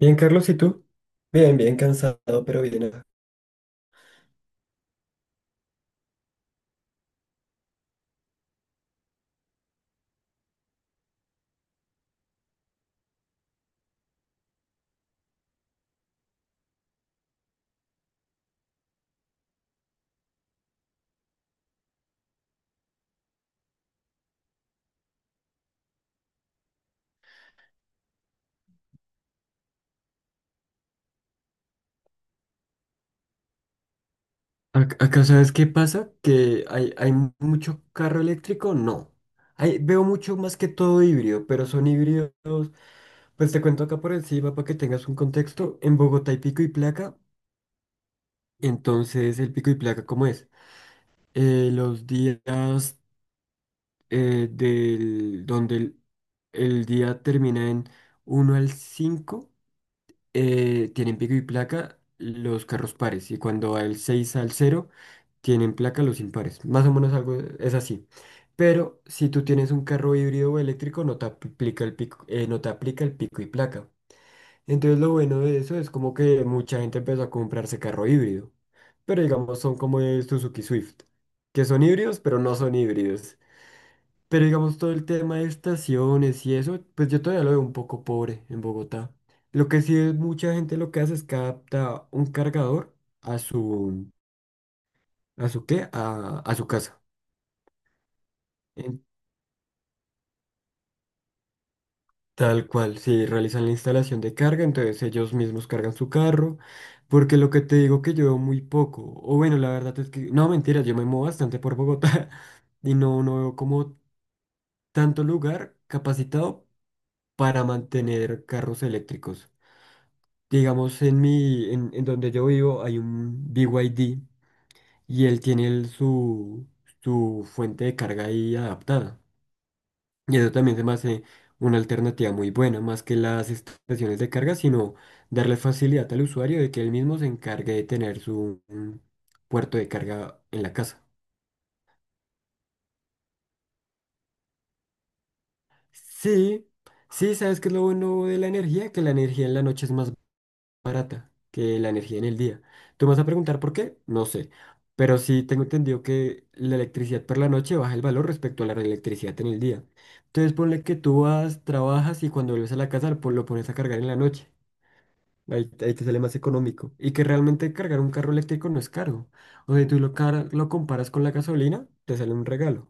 Bien, Carlos, ¿y tú? Bien, bien cansado, pero bien, acá. Acá, ¿sabes qué pasa? Que hay mucho carro eléctrico, no. Veo mucho más que todo híbrido, pero son híbridos. Pues te cuento acá por encima para que tengas un contexto. En Bogotá hay pico y placa. Entonces, el pico y placa, ¿cómo es? Los días eh, del, donde el, el día termina en uno al cinco, tienen pico y placa los carros pares, y cuando va el 6 al cero tienen placa los impares. Más o menos algo es así. Pero si tú tienes un carro híbrido o eléctrico no te aplica el pico, no te aplica el pico y placa. Entonces lo bueno de eso es como que mucha gente empezó a comprarse carro híbrido. Pero digamos son como el Suzuki Swift, que son híbridos pero no son híbridos. Pero digamos todo el tema de estaciones y eso, pues yo todavía lo veo un poco pobre en Bogotá. Lo que sí es mucha gente lo que hace es que adapta un cargador a su, ¿a su qué? A su casa. En Tal cual, si realizan la instalación de carga, entonces ellos mismos cargan su carro, porque lo que te digo que yo veo muy poco, o bueno, la verdad es que, no, mentira, yo me muevo bastante por Bogotá y no, no veo como tanto lugar capacitado para mantener carros eléctricos. Digamos, en donde yo vivo hay un BYD y D, y él tiene su fuente de carga ahí adaptada. Y eso también se me hace una alternativa muy buena, más que las estaciones de carga, sino darle facilidad al usuario de que él mismo se encargue de tener su puerto de carga en la casa. Sí, sí, ¿sabes qué es lo bueno de la energía? Que la energía en la noche es más barata que la energía en el día. Tú me vas a preguntar por qué, no sé, pero sí tengo entendido que la electricidad por la noche baja el valor respecto a la electricidad en el día. Entonces ponle que tú vas, trabajas y cuando vuelves a la casa pues, lo pones a cargar en la noche. Ahí, ahí te sale más económico. Y que realmente cargar un carro eléctrico no es caro. O sea, si tú lo, lo comparas con la gasolina, te sale un regalo.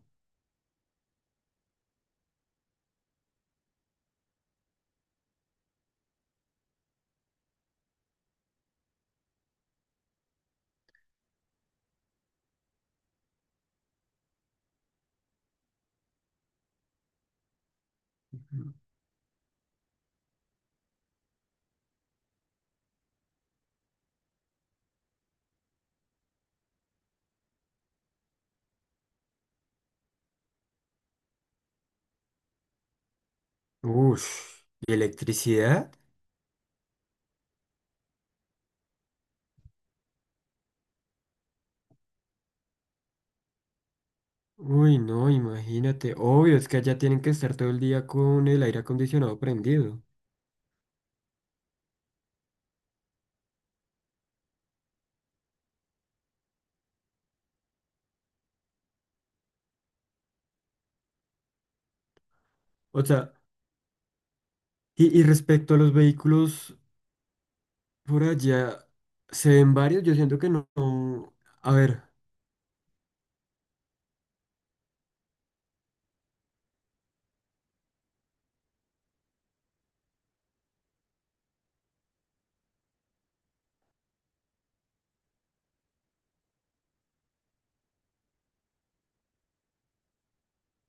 Uff, ¿y electricidad? Uy, no, imagínate. Obvio, es que allá tienen que estar todo el día con el aire acondicionado prendido. O sea, y respecto a los vehículos por allá, ¿se ven varios? Yo siento que no. A ver,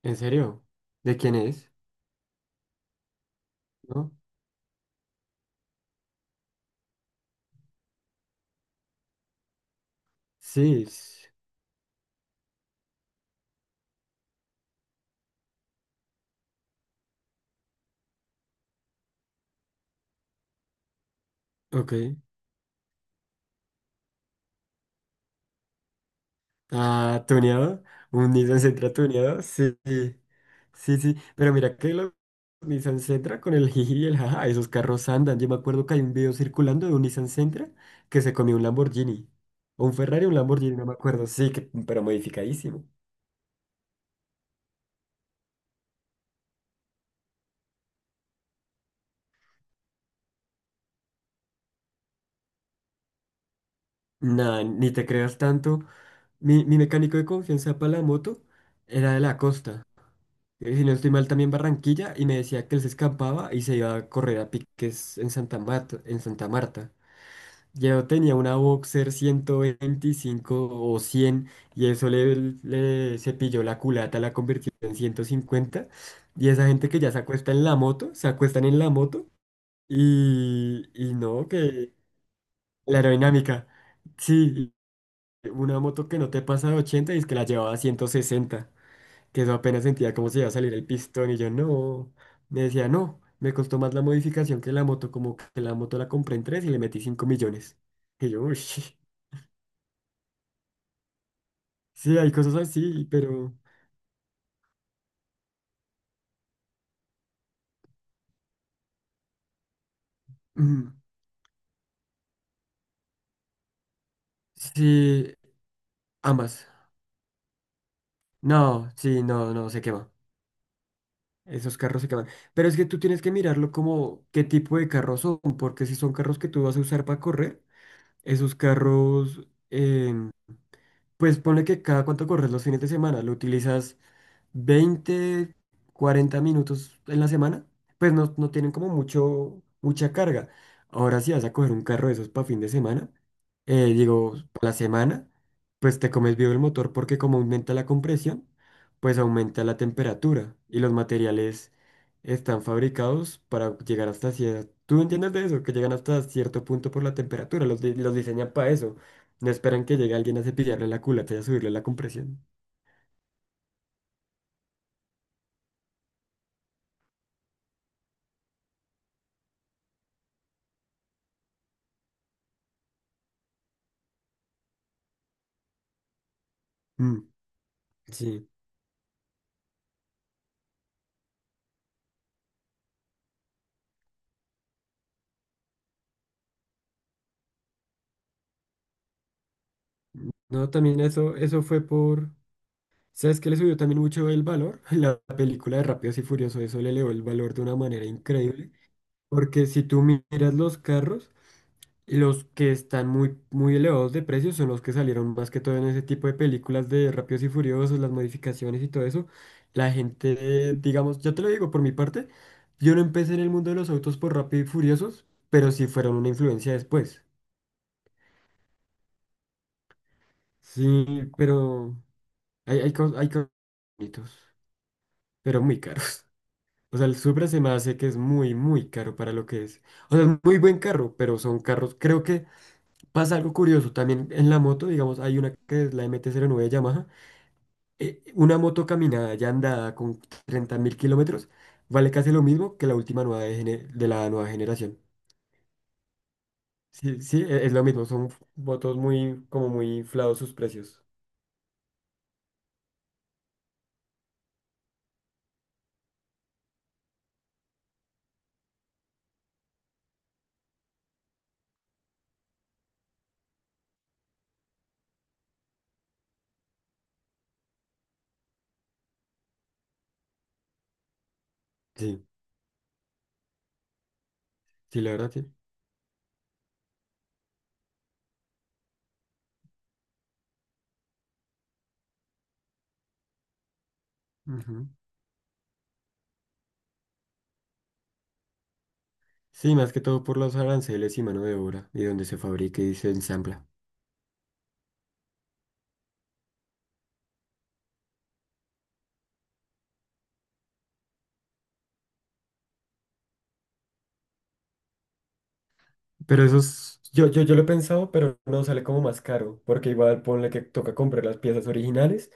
en serio, ¿de quién es? ¿No? Sí, ok. Ah, tuneado, un Nissan Sentra tuneado, sí. Sí, sí, sí, pero mira que los Nissan Sentra con el jiji y el jaja, esos carros andan. Yo me acuerdo que hay un video circulando de un Nissan Sentra que se comió un Lamborghini. O un Ferrari, un Lamborghini, no me acuerdo. Sí, que, pero modificadísimo. Nada, ni te creas tanto. Mi mecánico de confianza para la moto era de la costa. Si no estoy mal, también Barranquilla, y me decía que él se escapaba y se iba a correr a piques en Santa Marta, en Santa Marta. Yo tenía una Boxer 125 o 100, y eso le cepilló la culata, la convirtió en 150. Y esa gente que ya se acuesta en la moto, se acuestan en la moto y no, que la aerodinámica. Sí, una moto que no te pasa de 80 y es que la llevaba a 160, que eso apenas sentía como se iba a salir el pistón, y yo no, me decía no, me costó más la modificación que la moto, como que la moto la compré en tres y le metí 5 millones. Y yo, uy, sí, hay cosas así, pero mm, sí, ambas. No, sí, no, no, se quema. Esos carros se queman. Pero es que tú tienes que mirarlo como qué tipo de carros son, porque si son carros que tú vas a usar para correr, esos carros. Pues ponle que cada cuánto corres los fines de semana, lo utilizas 20, 40 minutos en la semana, pues no, no tienen como mucho, mucha carga. Ahora si vas a coger un carro de esos para fin de semana, digo, para la semana, pues te comes vivo el motor porque como aumenta la compresión, pues aumenta la temperatura y los materiales están fabricados para llegar hasta cierto... ¿Tú entiendes de eso? Que llegan hasta cierto punto por la temperatura, los diseñan para eso. No esperan que llegue alguien a cepillarle la culata y a subirle la compresión. Mm, sí. No, también eso fue por... ¿Sabes qué le subió también mucho el valor? La película de Rápidos y Furiosos, eso le elevó el valor de una manera increíble. Porque si tú miras los carros, los que están muy, muy elevados de precio son los que salieron más que todo en ese tipo de películas de Rápidos y Furiosos, las modificaciones y todo eso. La gente, digamos, yo te lo digo por mi parte, yo no empecé en el mundo de los autos por Rápidos y Furiosos, pero sí fueron una influencia después. Sí, pero hay bonitos, pero muy caros. O sea, el Supra se me hace que es muy, muy caro para lo que es. O sea, es muy buen carro, pero son carros, creo que... Pasa algo curioso también en la moto, digamos, hay una que es la MT-09 Yamaha. Una moto caminada ya andada con 30.000 kilómetros vale casi lo mismo que la última nueva de, de la nueva generación. Sí, sí, es lo mismo, son motos muy, como muy inflados sus precios. Sí, sí, la verdad, sí. Ujú. Sí, más que todo por los aranceles y mano de obra y donde se fabrica y se ensambla. Pero eso es, yo lo he pensado, pero no sale como más caro, porque igual ponle que toca comprar las piezas originales,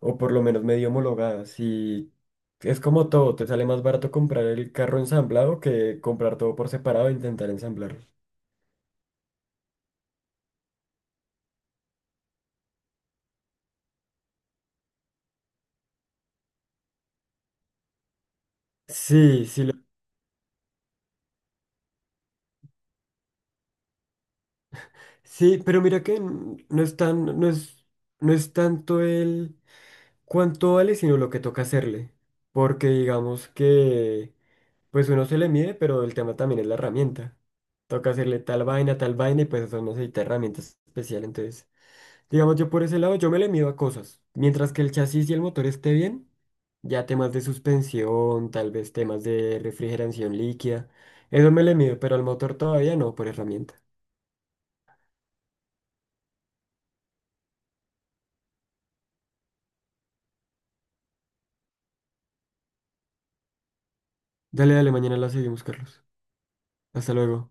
o por lo menos medio homologadas. Y es como todo, te sale más barato comprar el carro ensamblado que comprar todo por separado e intentar ensamblarlo. Sí, sí, sí, pero mira que no es tanto el cuánto vale, sino lo que toca hacerle. Porque digamos que, pues uno se le mide, pero el tema también es la herramienta. Toca hacerle tal vaina, y pues eso necesita herramientas especiales, entonces. Digamos, yo por ese lado, yo me le mido a cosas. Mientras que el chasis y el motor esté bien, ya temas de suspensión, tal vez temas de refrigeración líquida, eso me le mido, pero al motor todavía no, por herramienta. Dale, dale, mañana la seguimos, Carlos. Hasta luego.